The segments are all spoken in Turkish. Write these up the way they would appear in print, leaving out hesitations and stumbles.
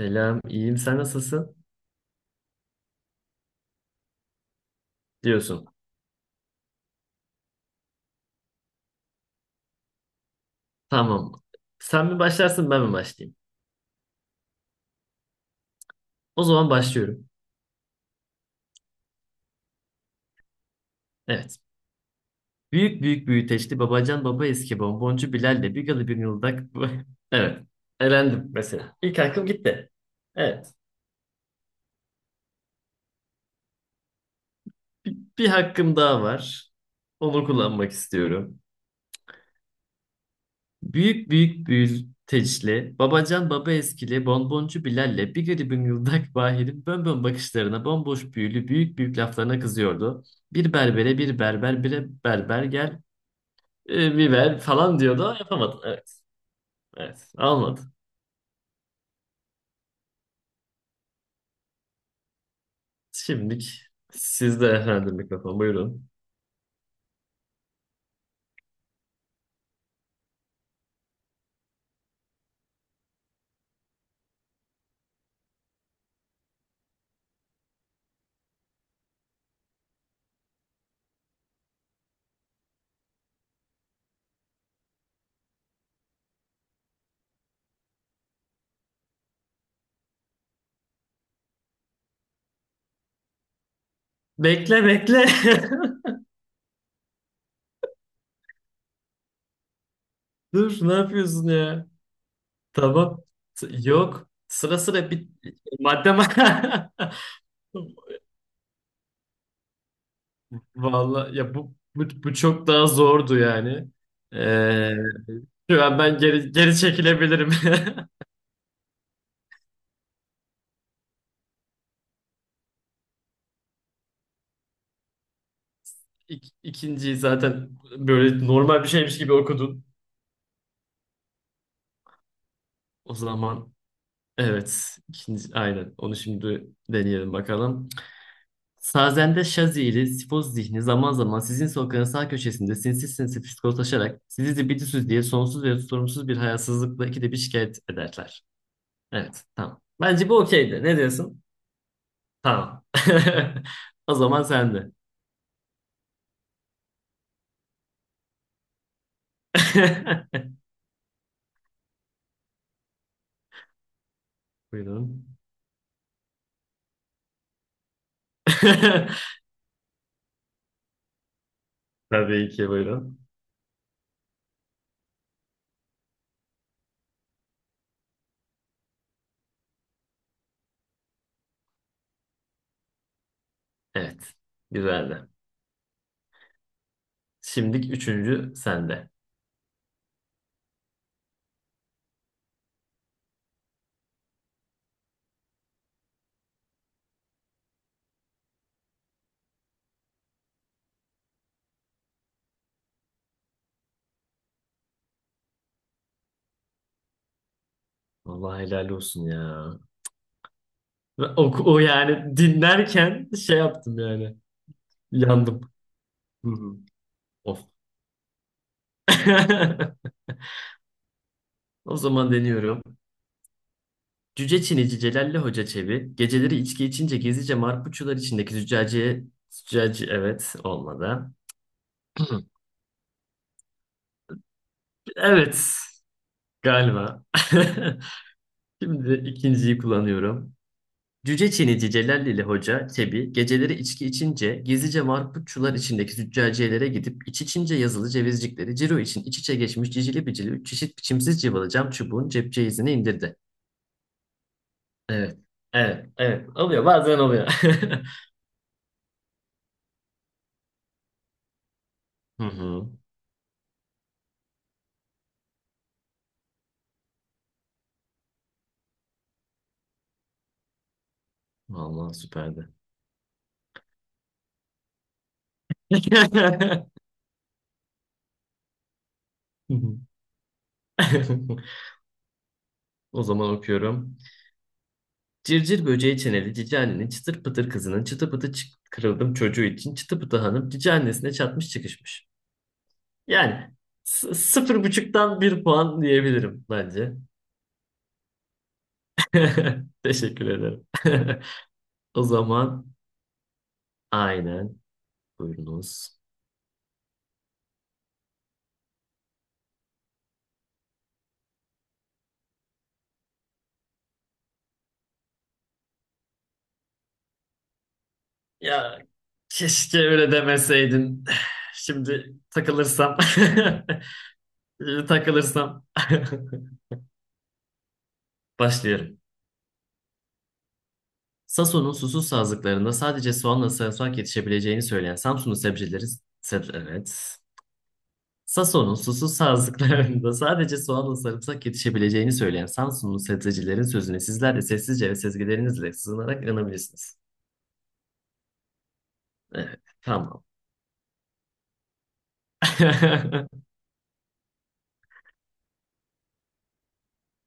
Selam, iyiyim. Sen nasılsın? Diyorsun. Tamam. Sen mi başlarsın, ben mi başlayayım? O zaman başlıyorum. Evet. Büyük büyük büyüteçli babacan baba eski bonboncu Bilal'le bir galı bir yıldak. Evet. Elendim mesela. İlk hakkım gitti. Evet. Bir hakkım daha var. Onu kullanmak istiyorum. Büyük büyük büyülteçli, babacan baba eskili, bonboncu Bilal'le bir garibim yıldak Bahir'in bönbön bakışlarına, bomboş büyülü büyük büyük laflarına kızıyordu. Bir berbere bir berber bire berber gel biber falan diyordu ama yapamadım. Evet, evet almadı. Şimdilik sizde efendim mikrofon buyurun. Bekle bekle. Dur ne yapıyorsun ya? Tamam. Yok. Sıra sıra bir madde. Vallahi ya bu çok daha zordu yani. Ee, Şu an ben geri geri çekilebilirim. İkinciyi zaten böyle normal bir şeymiş gibi okudun. O zaman evet ikinci aynen onu şimdi deneyelim bakalım. Sazende Şazili, Sifoz zihni zaman zaman sizin sokağın sağ köşesinde sinsi sinsi psikoslaşarak sizi zibidüsüz diye sonsuz ve sorumsuz bir hayasızlıkla ikide bir şikayet ederler. Evet, tamam. Bence bu okeydi. Ne diyorsun? Tamam. O zaman sen de. Buyurun. Tabii ki buyurun. Evet. Güzeldi. Şimdi üçüncü sende. Vallahi helal olsun ya. Ve o yani dinlerken şey yaptım yani. Yandım. Hı hı. Of. O zaman deniyorum. Cüce Çinici Celalli Hoca Çebi geceleri içki içince gizlice marpuçular içindeki züccaciye züccaci evet olmadı. Evet galiba. Şimdi ikinciyi kullanıyorum. Cüce Çinici Celallili Hoca Çebi geceleri içki içince gizlice marputçular içindeki züccaciyelere gidip iç içince yazılı cevizcikleri ciro için iç içe geçmiş cicili bicili üç çeşit biçimsiz cıvalı cam çubuğun cepçe izini indirdi. Evet. Evet. Evet. Oluyor. Bazen oluyor. Hı hı. Vallahi süperdi. O zaman okuyorum. Cırcır böceği çeneli cici annenin çıtır pıtır kızının çıtı pıtı kırıldım çocuğu için çıtı pıtı hanım cici annesine çatmış çıkışmış. Yani sıfır buçuktan bir puan diyebilirim bence. Teşekkür ederim. O zaman aynen buyurunuz. Ya keşke öyle demeseydin. Şimdi takılırsam. Şimdi takılırsam. Başlıyorum. Sason'un susuz sazlıklarında sadece soğanla sarımsak yetişebileceğini söyleyen Samsunlu sebzecileri. Seb evet. Sason'un susuz sazlıklarında sadece soğanla sarımsak yetişebileceğini söyleyen Samsunlu sebzecilerin sözüne sizler de sessizce ve sezgilerinizle sığınarak inanabilirsiniz. Evet, tamam.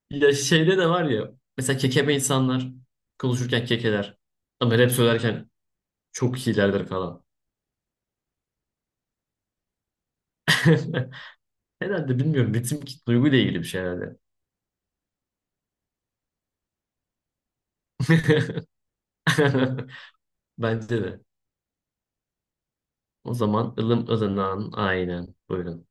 Ya şeyde de var ya, mesela kekeme insanlar konuşurken kekeler ama rap söylerken çok iyilerdir falan. Herhalde bilmiyorum, ritim duyguyla ilgili bir şey herhalde. Bence de. O zaman ılım ılınan aynen. Buyurun.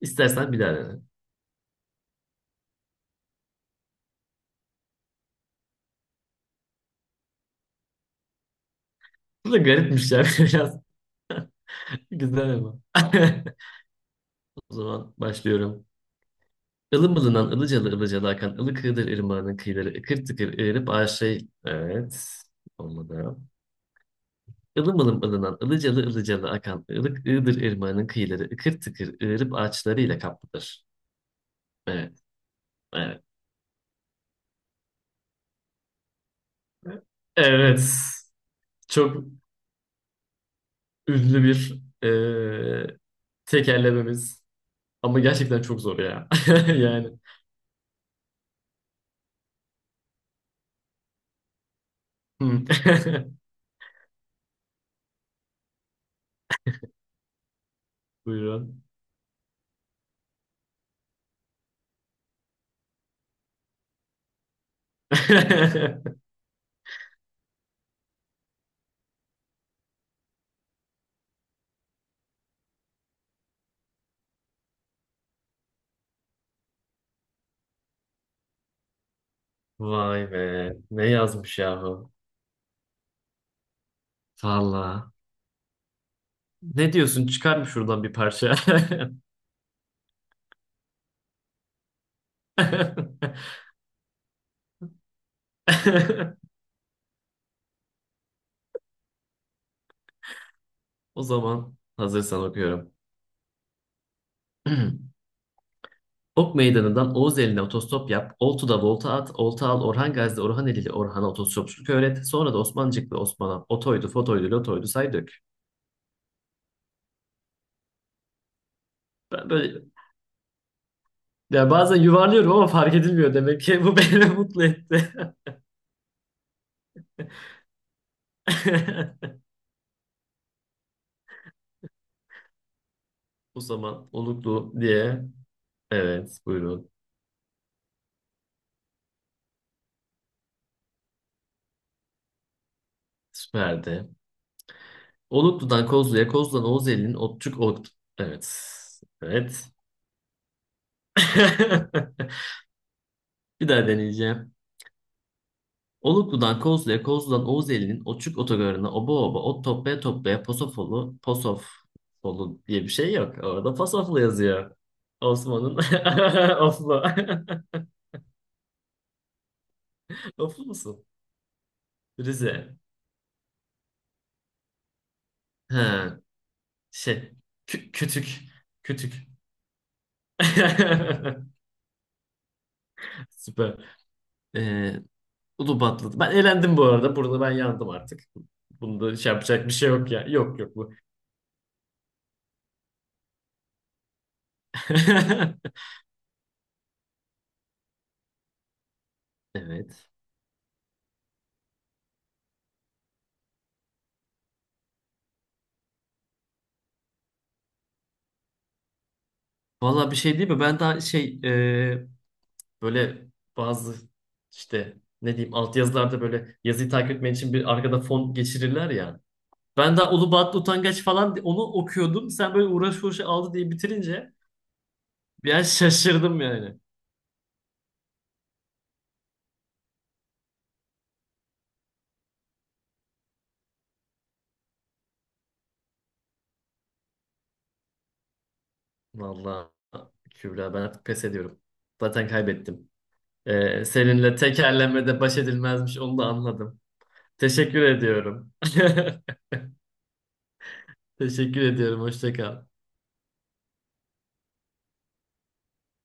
İstersen bir daha dene. Bu da garipmiş ya biraz. Güzel ama. O zaman başlıyorum. Ilım ılınan ılıcalı ılıcalı akan ılık ığdır ırmağının kıyıları ıkır tıkır ığırıp aşağı... Evet. Olmadı. Ilım ılınan ılıcalı ılıcalı akan ılık ığdır ırmağının kıyıları ıkır tıkır ığırıp ağaçlarıyla kaplıdır. Evet. Evet. Evet. Çok ünlü bir tekerlememiz. Ama gerçekten çok zor ya. Yani. Hmm. Buyurun. Vay be. Ne yazmış yahu? Valla. Ne diyorsun? Çıkar mı şuradan bir parça? O zaman hazırsan okuyorum. Ok Meydanı'ndan Oğuz eline otostop yap, Oltu'da volta at, Olta al, Orhan Gazi'de Orhan Eli'li Orhan'a otostopçuluk öğret, sonra da Osmancıklı Osman'a otoydu, fotoydu, lotoydu say dök. Ben böyle yani bazen yuvarlıyorum ama fark edilmiyor demek ki bu beni mutlu etti. O zaman Oluklu diye. Evet, buyurun. Süperdi. Oluklu'dan Kozlu'ya, Kozlu'dan Oğuzeli'nin Otçuk Ot. Evet. Evet. Bir daha deneyeceğim. Oluklu'dan Kozlu'ya, Kozlu'dan Oğuzeli'nin Otçuk Otogarı'na oba oba, ot toplaya toplaya Posofolu diye bir şey yok. Orada Posoflu yazıyor. Osman'ın Oflu. Oflu musun? Rize. Ha, şey. Kütük. Kütük. Süper. Ee, Ulubatlı. Ben elendim bu arada. Burada ben yandım artık. Bunda şey yapacak bir şey yok ya. Yok bu. Evet. Valla bir şey değil mi? Ben daha şey e, böyle bazı işte ne diyeyim altyazılarda böyle yazıyı takip etmen için bir arkada fon geçirirler ya. Ben daha Ulubatlı Utangaç falan onu okuyordum. Sen böyle uğraş uğraş aldı diye bitirince biraz şaşırdım yani. Valla Kübra ben artık pes ediyorum. Zaten kaybettim. Seninle tekerlemede baş edilmezmiş onu da anladım. Teşekkür ediyorum. Teşekkür ediyorum. Hoşça kal.